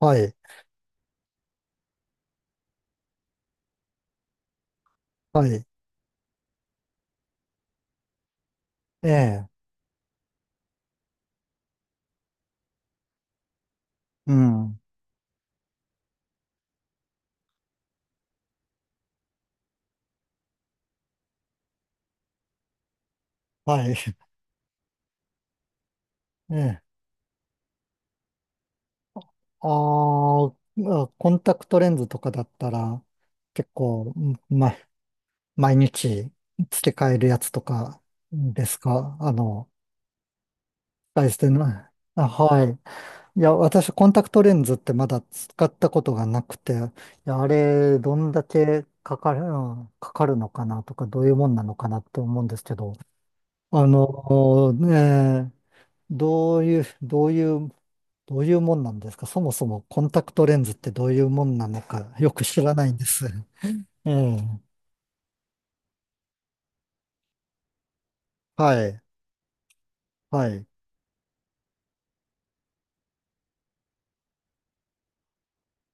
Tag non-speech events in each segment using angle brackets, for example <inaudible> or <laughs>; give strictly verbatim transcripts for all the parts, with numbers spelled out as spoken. はい、はい。ええ、うん、はい。<laughs> ええ。あーまあ、コンタクトレンズとかだったら、結構、ま、毎日付け替えるやつとかですか？あの、大してな、あ、はい。いや、私、コンタクトレンズってまだ使ったことがなくて、いや、あれ、どんだけかかる、うんかかるのかなとか、どういうもんなのかなって思うんですけど、あの、ねえ、どういう、どういうどういうもんなんですか？そもそもコンタクトレンズってどういうもんなのかよく知らないんです。<laughs> ええ。はい。はい。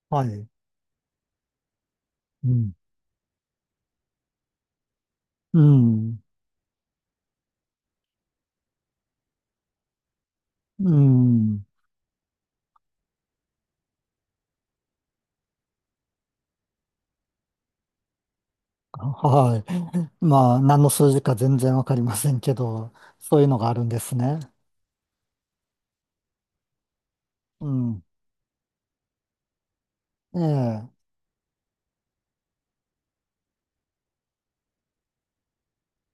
はい。うん。うん。うん。はい。まあ、何の数字か全然わかりませんけど、そういうのがあるんですね。うん。ええ。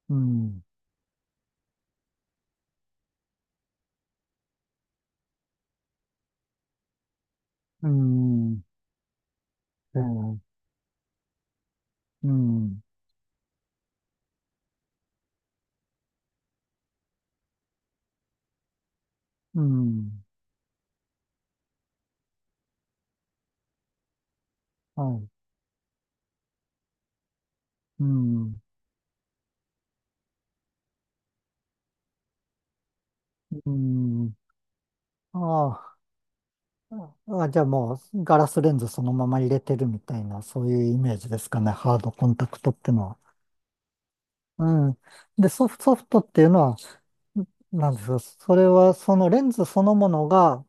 うん。うん。ええ。うん。うん。はい。うん。うん。ああ。あ、じゃあもうガラスレンズそのまま入れてるみたいな、そういうイメージですかね、ハードコンタクトってのは。うん。で、ソフト、ソフトっていうのは、なんですか？それはそのレンズそのものが、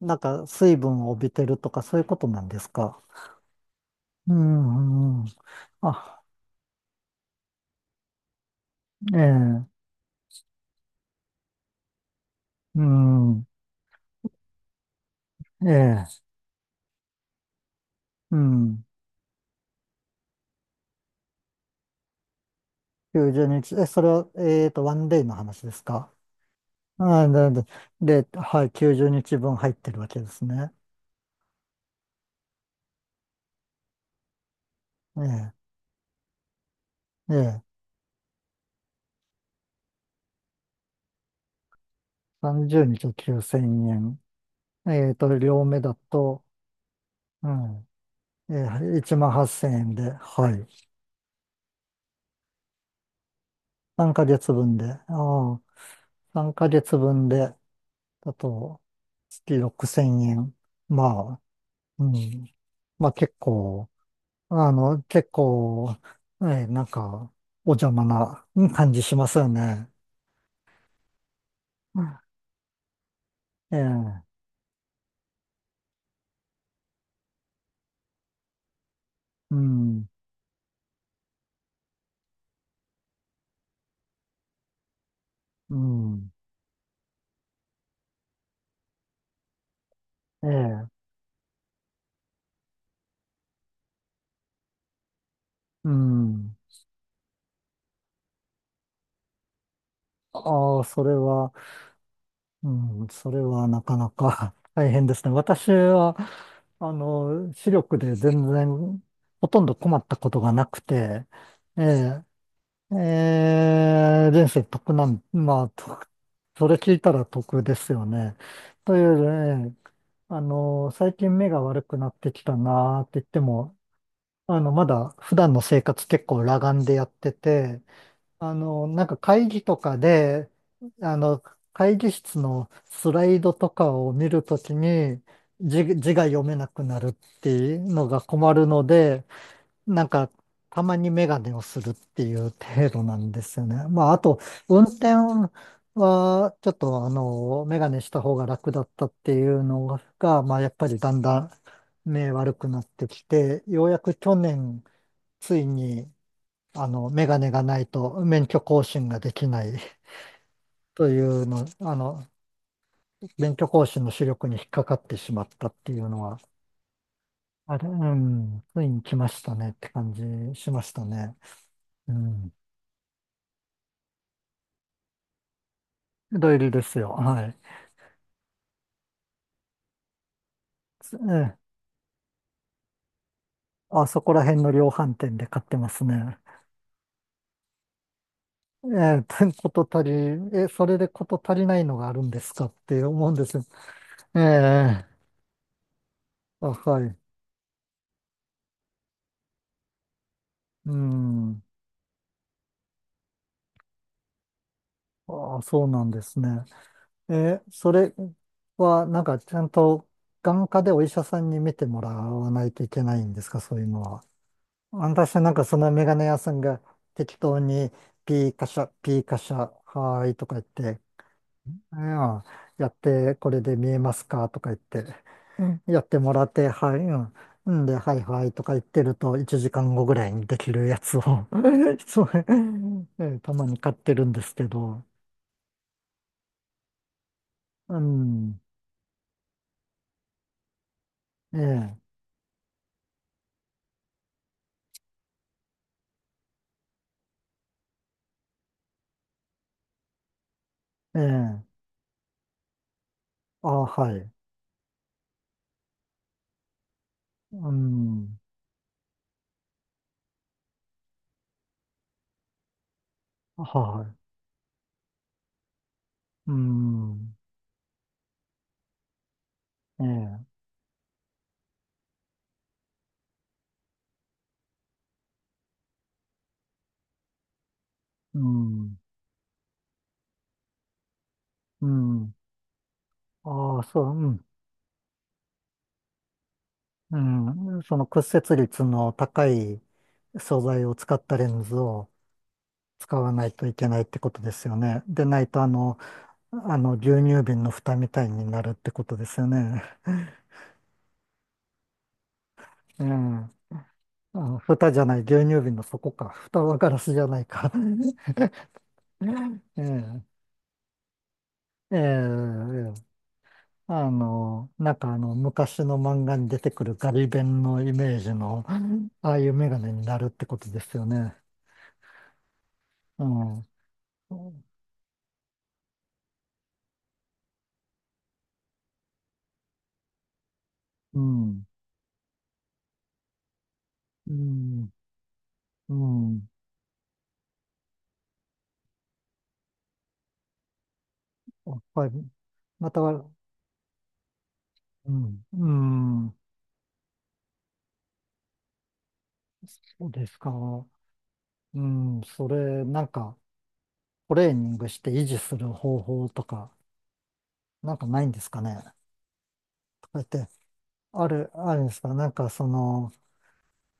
なんか水分を帯びてるとかそういうことなんですか？うん、うん。あ、ええ、うん、ええ、うん。きゅうじゅうにち、え、それは、えーと、ワンデイの話ですか？あ、なで、で、ではい、きゅうじゅうにちぶん入ってるわけですね。ええ、ええ。さんじゅうにちきゅうせん円。えっと、両目だと、うん、えー、いちまんはっせん円で、はい。さんかげつぶんで、ああ、さんかげつぶんで、だと、月ろくせん円。まあ、うん。まあ結構、あの、結構、えー、なんか、お邪魔なうん感じしますよね。ええ、うん、うん、ええ、うん。ああ、それは、うん、それはなかなか <laughs> 大変ですね。私は、あの、視力で全然、ほとんど困ったことがなくて、ええ、えー人生得なん、まあ、とそれ聞いたら得ですよね。という、ねあの、最近目が悪くなってきたなーって言っても、あの、まだ普段の生活結構裸眼でやってて、あの、なんか会議とかで、あの、会議室のスライドとかを見るときに字、字が読めなくなるっていうのが困るので、なんかたまにメガネをするっていう程度なんですよね。まあ、あと、運転はちょっとあの、メガネした方が楽だったっていうのが、まあ、やっぱりだんだん目悪くなってきて、ようやく去年、ついにあの、メガネがないと免許更新ができない <laughs> というの、あの、免許更新の視力に引っかかってしまったっていうのは、あれ、うん、ついに来ましたねって感じしましたね。うん。土入りですよ。はい。ええ、あそこら辺の量販店で買ってますね。ええ、てこと足り、え、それでこと足りないのがあるんですかって思うんですよ。ええ、あ、はい。うん。ああ、そうなんですね。えーそれは、なんか、ちゃんと眼科でお医者さんに見てもらわないといけないんですか、そういうのは。私はなんかそのメガネ屋さんが適当にピーカシャ、ピーカシャ、はーいとか言って、うんやって、これで見えますかとか言って、うんやってもらって、はい、うん、うんで、はいはいとか言ってると、いちじかんごぐらいにできるやつを <laughs> そう、えーたまに買ってるんですけど、うん、ええええあ、はい。うん。はい。うん。ええ。うん。うん。ああ、そう、うん。うん。その屈折率の高い素材を使ったレンズを使わないといけないってことですよね。でないと、あの、あの、牛乳瓶の蓋みたいになるってことですよね。<laughs> ええ。あ、蓋じゃない、牛乳瓶の底か。蓋はガラスじゃないか。<laughs> ええ。ええ。ええ、あの、なんかあの、昔の漫画に出てくるガリ勉のイメージの、うん、ああいうメガネになるってことですよね。うん。うん。うん。うん。やっぱり、または、うん。うん。そうですか。うん。それ、なんか、トレーニングして維持する方法とか、なんかないんですかね。とか言って、ある、あるんですか？なんか、その、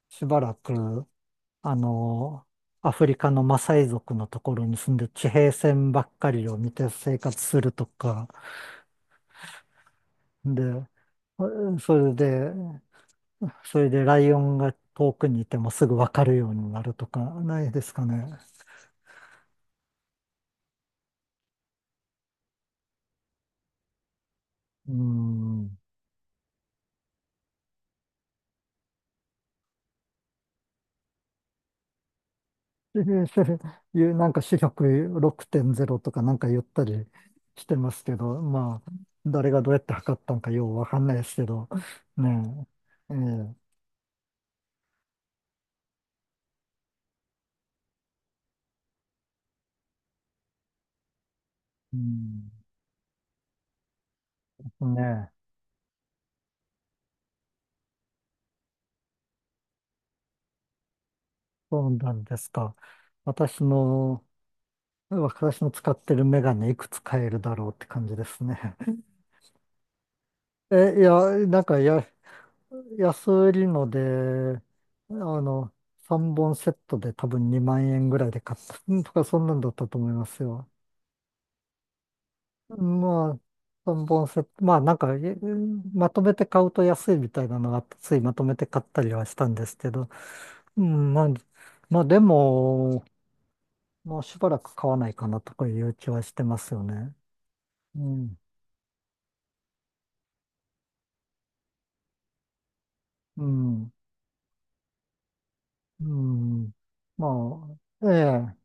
しばらく、あの、アフリカのマサイ族のところに住んで地平線ばっかりを見て生活するとか、で、それで、それでライオンが遠くにいてもすぐわかるようになるとか、ないですかね。うん。でそれいう、なんか視力ろくてんれいとかなんか言ったりしてますけど、まあ、誰がどうやって測ったのかようわかんないですけど、ねえ、ええ、うん、ねえ。そうなんですか。私の、私の使ってるメガネいくつ買えるだろうって感じですね。<laughs> え、いや、なんかや、安売りので、あの、さんぼんセットで多分にまん円ぐらいで買ったうんとか、そんなんだったと思いますよ。まあ、さんぼんセット、まあなんか、えまとめて買うと安いみたいなのがあって、ついまとめて買ったりはしたんですけど、うん、まあ、まあでも、もうしばらく買わないかなとかいう気はしてますよね。うん、うん、うん。まあ、ええ、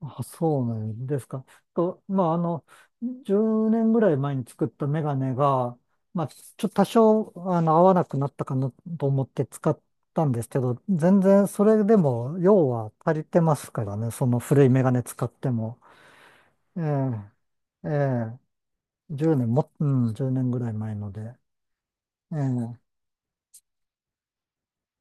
あ、そうなんですか。と、まあ、あの、じゅうねんぐらい前に作ったメガネが、まあ、ちょっと多少、あの、合わなくなったかなと思って使ったんですけど、全然それでも用は足りてますからね、その古いメガネ使っても。ええ、ええ、じゅうねんも、うん、じゅうねんぐらい前ので。ええ